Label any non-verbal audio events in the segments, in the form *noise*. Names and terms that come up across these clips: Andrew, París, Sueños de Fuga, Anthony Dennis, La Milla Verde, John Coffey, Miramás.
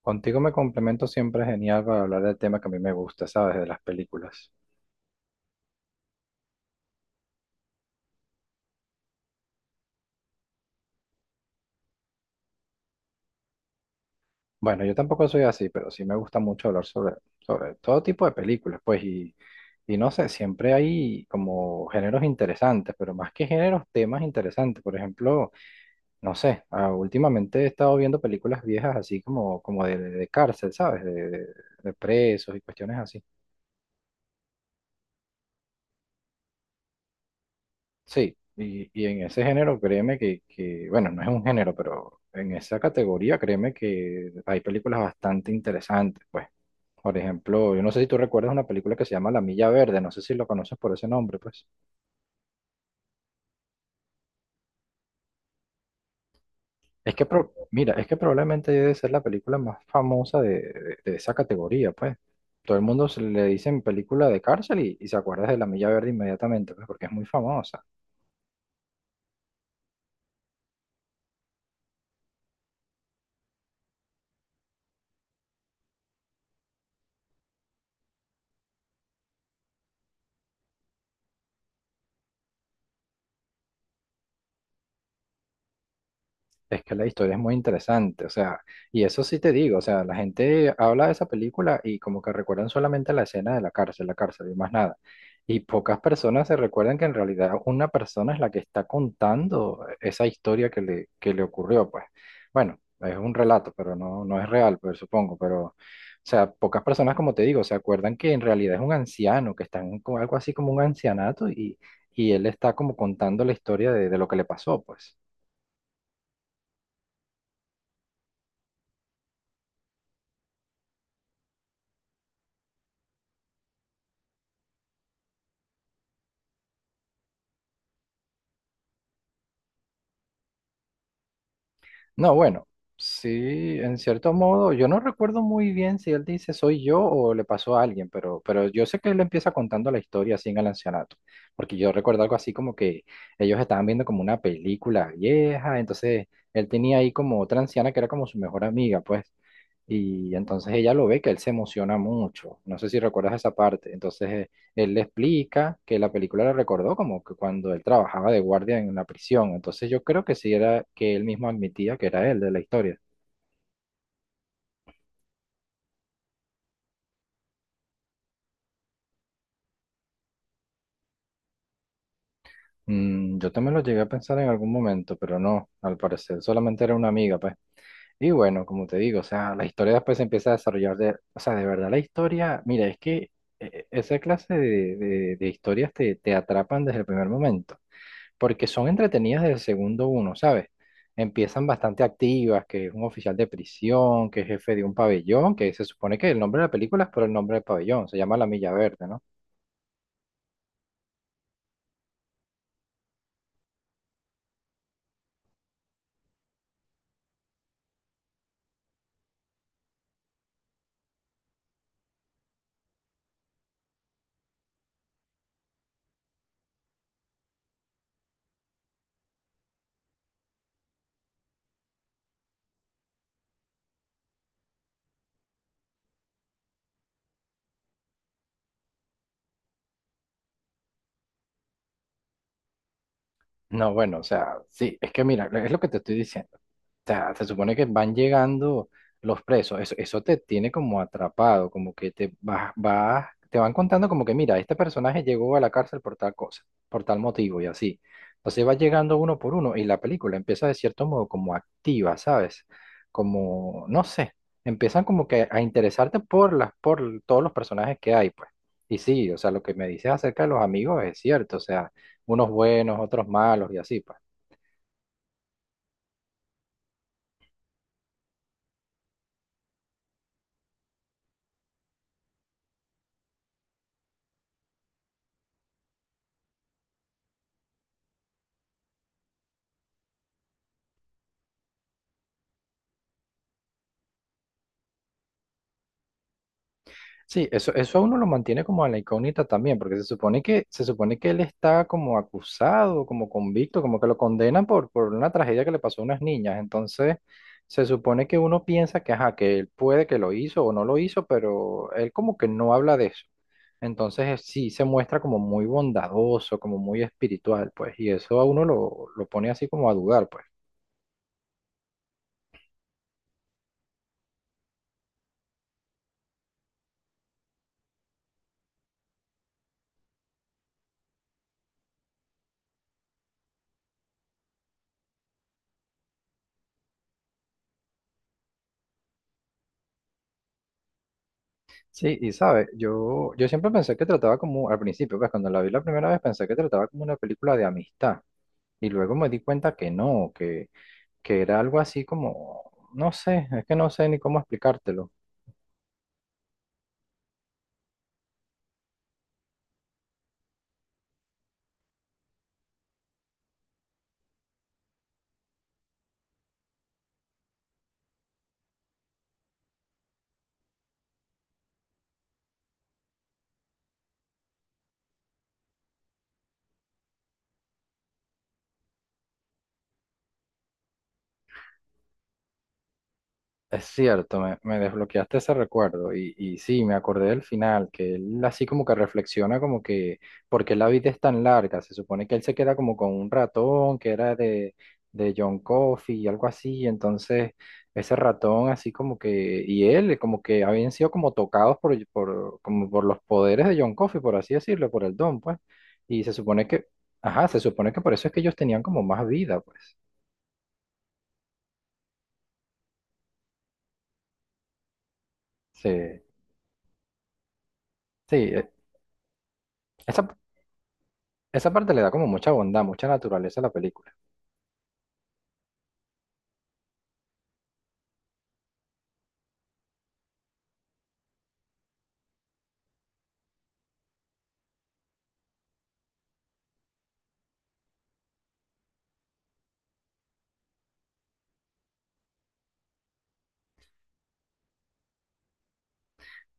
Contigo me complemento siempre genial para hablar del tema que a mí me gusta, ¿sabes? De las películas. Bueno, yo tampoco soy así, pero sí me gusta mucho hablar sobre todo tipo de películas, pues, y no sé, siempre hay como géneros interesantes, pero más que géneros, temas interesantes. Por ejemplo, no sé, últimamente he estado viendo películas viejas así como de cárcel, ¿sabes? De presos y cuestiones así. Sí, y en ese género, créeme bueno, no es un género, pero en esa categoría, créeme que hay películas bastante interesantes, pues. Por ejemplo, yo no sé si tú recuerdas una película que se llama La Milla Verde, no sé si lo conoces por ese nombre, pues. Es que, mira, es que probablemente debe ser la película más famosa de esa categoría, pues. Todo el mundo se le dicen película de cárcel y se acuerda de La Milla Verde inmediatamente, pues, porque es muy famosa. Es que la historia es muy interesante, o sea, y eso sí te digo, o sea, la gente habla de esa película y como que recuerdan solamente la escena de la cárcel y más nada. Y pocas personas se recuerdan que en realidad una persona es la que está contando esa historia que le ocurrió, pues. Bueno, es un relato, pero no, no es real, pues supongo, pero, o sea, pocas personas, como te digo, se acuerdan que en realidad es un anciano, que está algo así como un ancianato y él está como contando la historia de lo que le pasó, pues. No, bueno, sí, en cierto modo, yo no recuerdo muy bien si él dice soy yo o le pasó a alguien, pero yo sé que él empieza contando la historia así en el ancianato, porque yo recuerdo algo así como que ellos estaban viendo como una película vieja, entonces él tenía ahí como otra anciana que era como su mejor amiga, pues, y entonces ella lo ve que él se emociona mucho, no sé si recuerdas esa parte, entonces él le explica que la película le recordó como que cuando él trabajaba de guardia en la prisión. Entonces yo creo que sí era que él mismo admitía que era él de la historia. Mm, yo también lo llegué a pensar en algún momento, pero no, al parecer solamente era una amiga, pues. Y bueno, como te digo, o sea, la historia después se empieza a desarrollar de, o sea, de verdad la historia, mira, es que esa clase de historias te atrapan desde el primer momento, porque son entretenidas desde el segundo uno, ¿sabes? Empiezan bastante activas, que es un oficial de prisión, que es jefe de un pabellón, que se supone que el nombre de la película es por el nombre del pabellón, se llama La Milla Verde, ¿no? No, bueno, o sea, sí, es que mira, es lo que te estoy diciendo. O sea, se supone que van llegando los presos, eso te tiene como atrapado, como que te te van contando como que mira, este personaje llegó a la cárcel por tal cosa, por tal motivo y así. Entonces va llegando uno por uno y la película empieza de cierto modo como activa, ¿sabes? Como, no sé, empiezan como que a interesarte por todos los personajes que hay, pues. Y sí, o sea, lo que me dices acerca de los amigos es cierto, o sea, unos buenos, otros malos y así, pues. Sí, eso a uno lo mantiene como en la incógnita también, porque se supone que él está como acusado, como convicto, como que lo condenan por una tragedia que le pasó a unas niñas. Entonces, se supone que uno piensa que, ajá, que él puede que lo hizo o no lo hizo, pero él como que no habla de eso. Entonces, sí se muestra como muy bondadoso, como muy espiritual, pues, y eso a uno lo pone así como a dudar, pues. Sí, y sabe, yo siempre pensé que trataba como, al principio, pues cuando la vi la primera vez pensé que trataba como una película de amistad. Y luego me di cuenta que no, que era algo así como, no sé, es que no sé ni cómo explicártelo. Es cierto, me desbloqueaste ese recuerdo y sí, me acordé del final, que él así como que reflexiona como que, ¿por qué la vida es tan larga? Se supone que él se queda como con un ratón que era de John Coffey y algo así, entonces ese ratón así como que, y él como que habían sido como tocados como por los poderes de John Coffey, por así decirlo, por el don, pues, y se supone que, ajá, se supone que por eso es que ellos tenían como más vida, pues, sí, sí, eh, esa, esa parte le da como mucha bondad, mucha naturaleza a la película.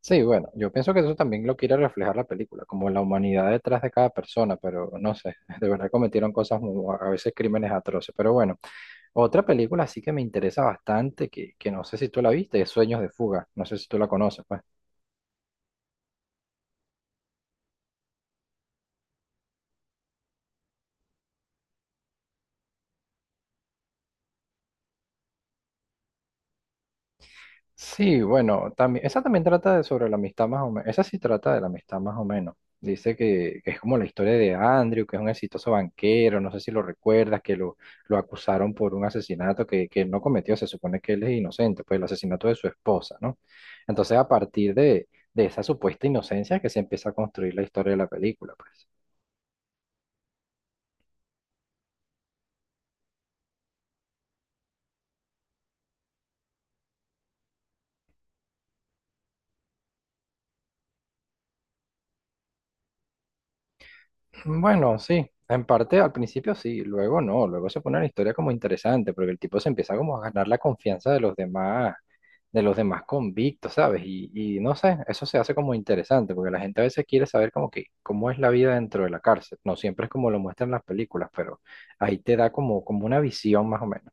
Sí, bueno, yo pienso que eso también lo quiere reflejar la película, como la humanidad detrás de cada persona, pero no sé, *laughs* de verdad cometieron cosas, a veces crímenes atroces. Pero bueno, otra película sí que me interesa bastante, que no sé si tú la viste, es Sueños de Fuga, no sé si tú la conoces, pues. Sí, bueno, también, esa también trata de sobre la amistad más o menos, esa sí trata de la amistad más o menos. Dice que es como la historia de Andrew, que es un exitoso banquero, no sé si lo recuerdas, lo acusaron por un asesinato que él no cometió, se supone que él es inocente, pues el asesinato de su esposa, ¿no? Entonces a partir de esa supuesta inocencia que se empieza a construir la historia de la película, pues. Bueno, sí, en parte al principio sí, luego no, luego se pone la historia como interesante, porque el tipo se empieza como a ganar la confianza de los demás convictos, ¿sabes? Y no sé, eso se hace como interesante, porque la gente a veces quiere saber como que cómo es la vida dentro de la cárcel, no siempre es como lo muestran las películas, pero ahí te da como, como una visión más o menos.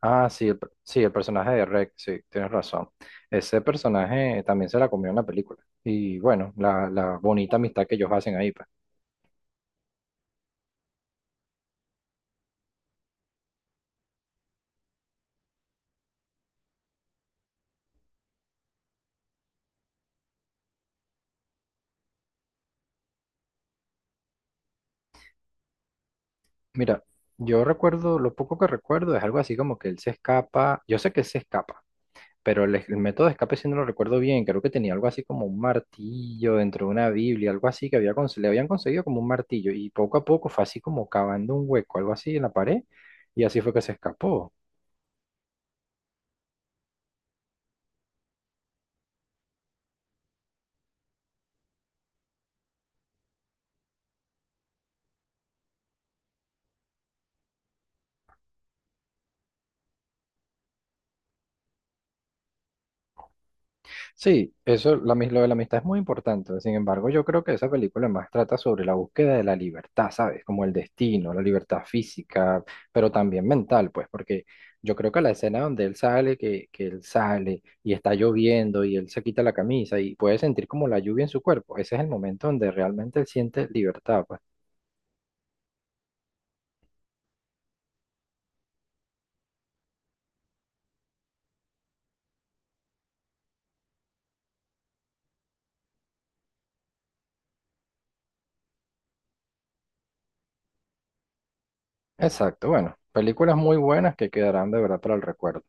Ah, sí, sí, el personaje de Rex, sí, tienes razón. Ese personaje también se la comió en la película. Y bueno, la bonita amistad que ellos hacen ahí, pues. Mira, yo recuerdo, lo poco que recuerdo es algo así como que él se escapa, yo sé que él se escapa, pero el método de escape sí no lo recuerdo bien, creo que tenía algo así como un martillo dentro de una Biblia, algo así que había, le habían conseguido como un martillo y poco a poco fue así como cavando un hueco, algo así en la pared y así fue que se escapó. Sí, lo de la amistad es muy importante. Sin embargo, yo creo que esa película más trata sobre la búsqueda de la libertad, ¿sabes? Como el destino, la libertad física, pero también mental, pues, porque yo creo que la escena donde él sale, que él sale y está lloviendo y él se quita la camisa y puede sentir como la lluvia en su cuerpo, ese es el momento donde realmente él siente libertad, pues. Exacto, bueno, películas muy buenas que quedarán de verdad para el recuerdo.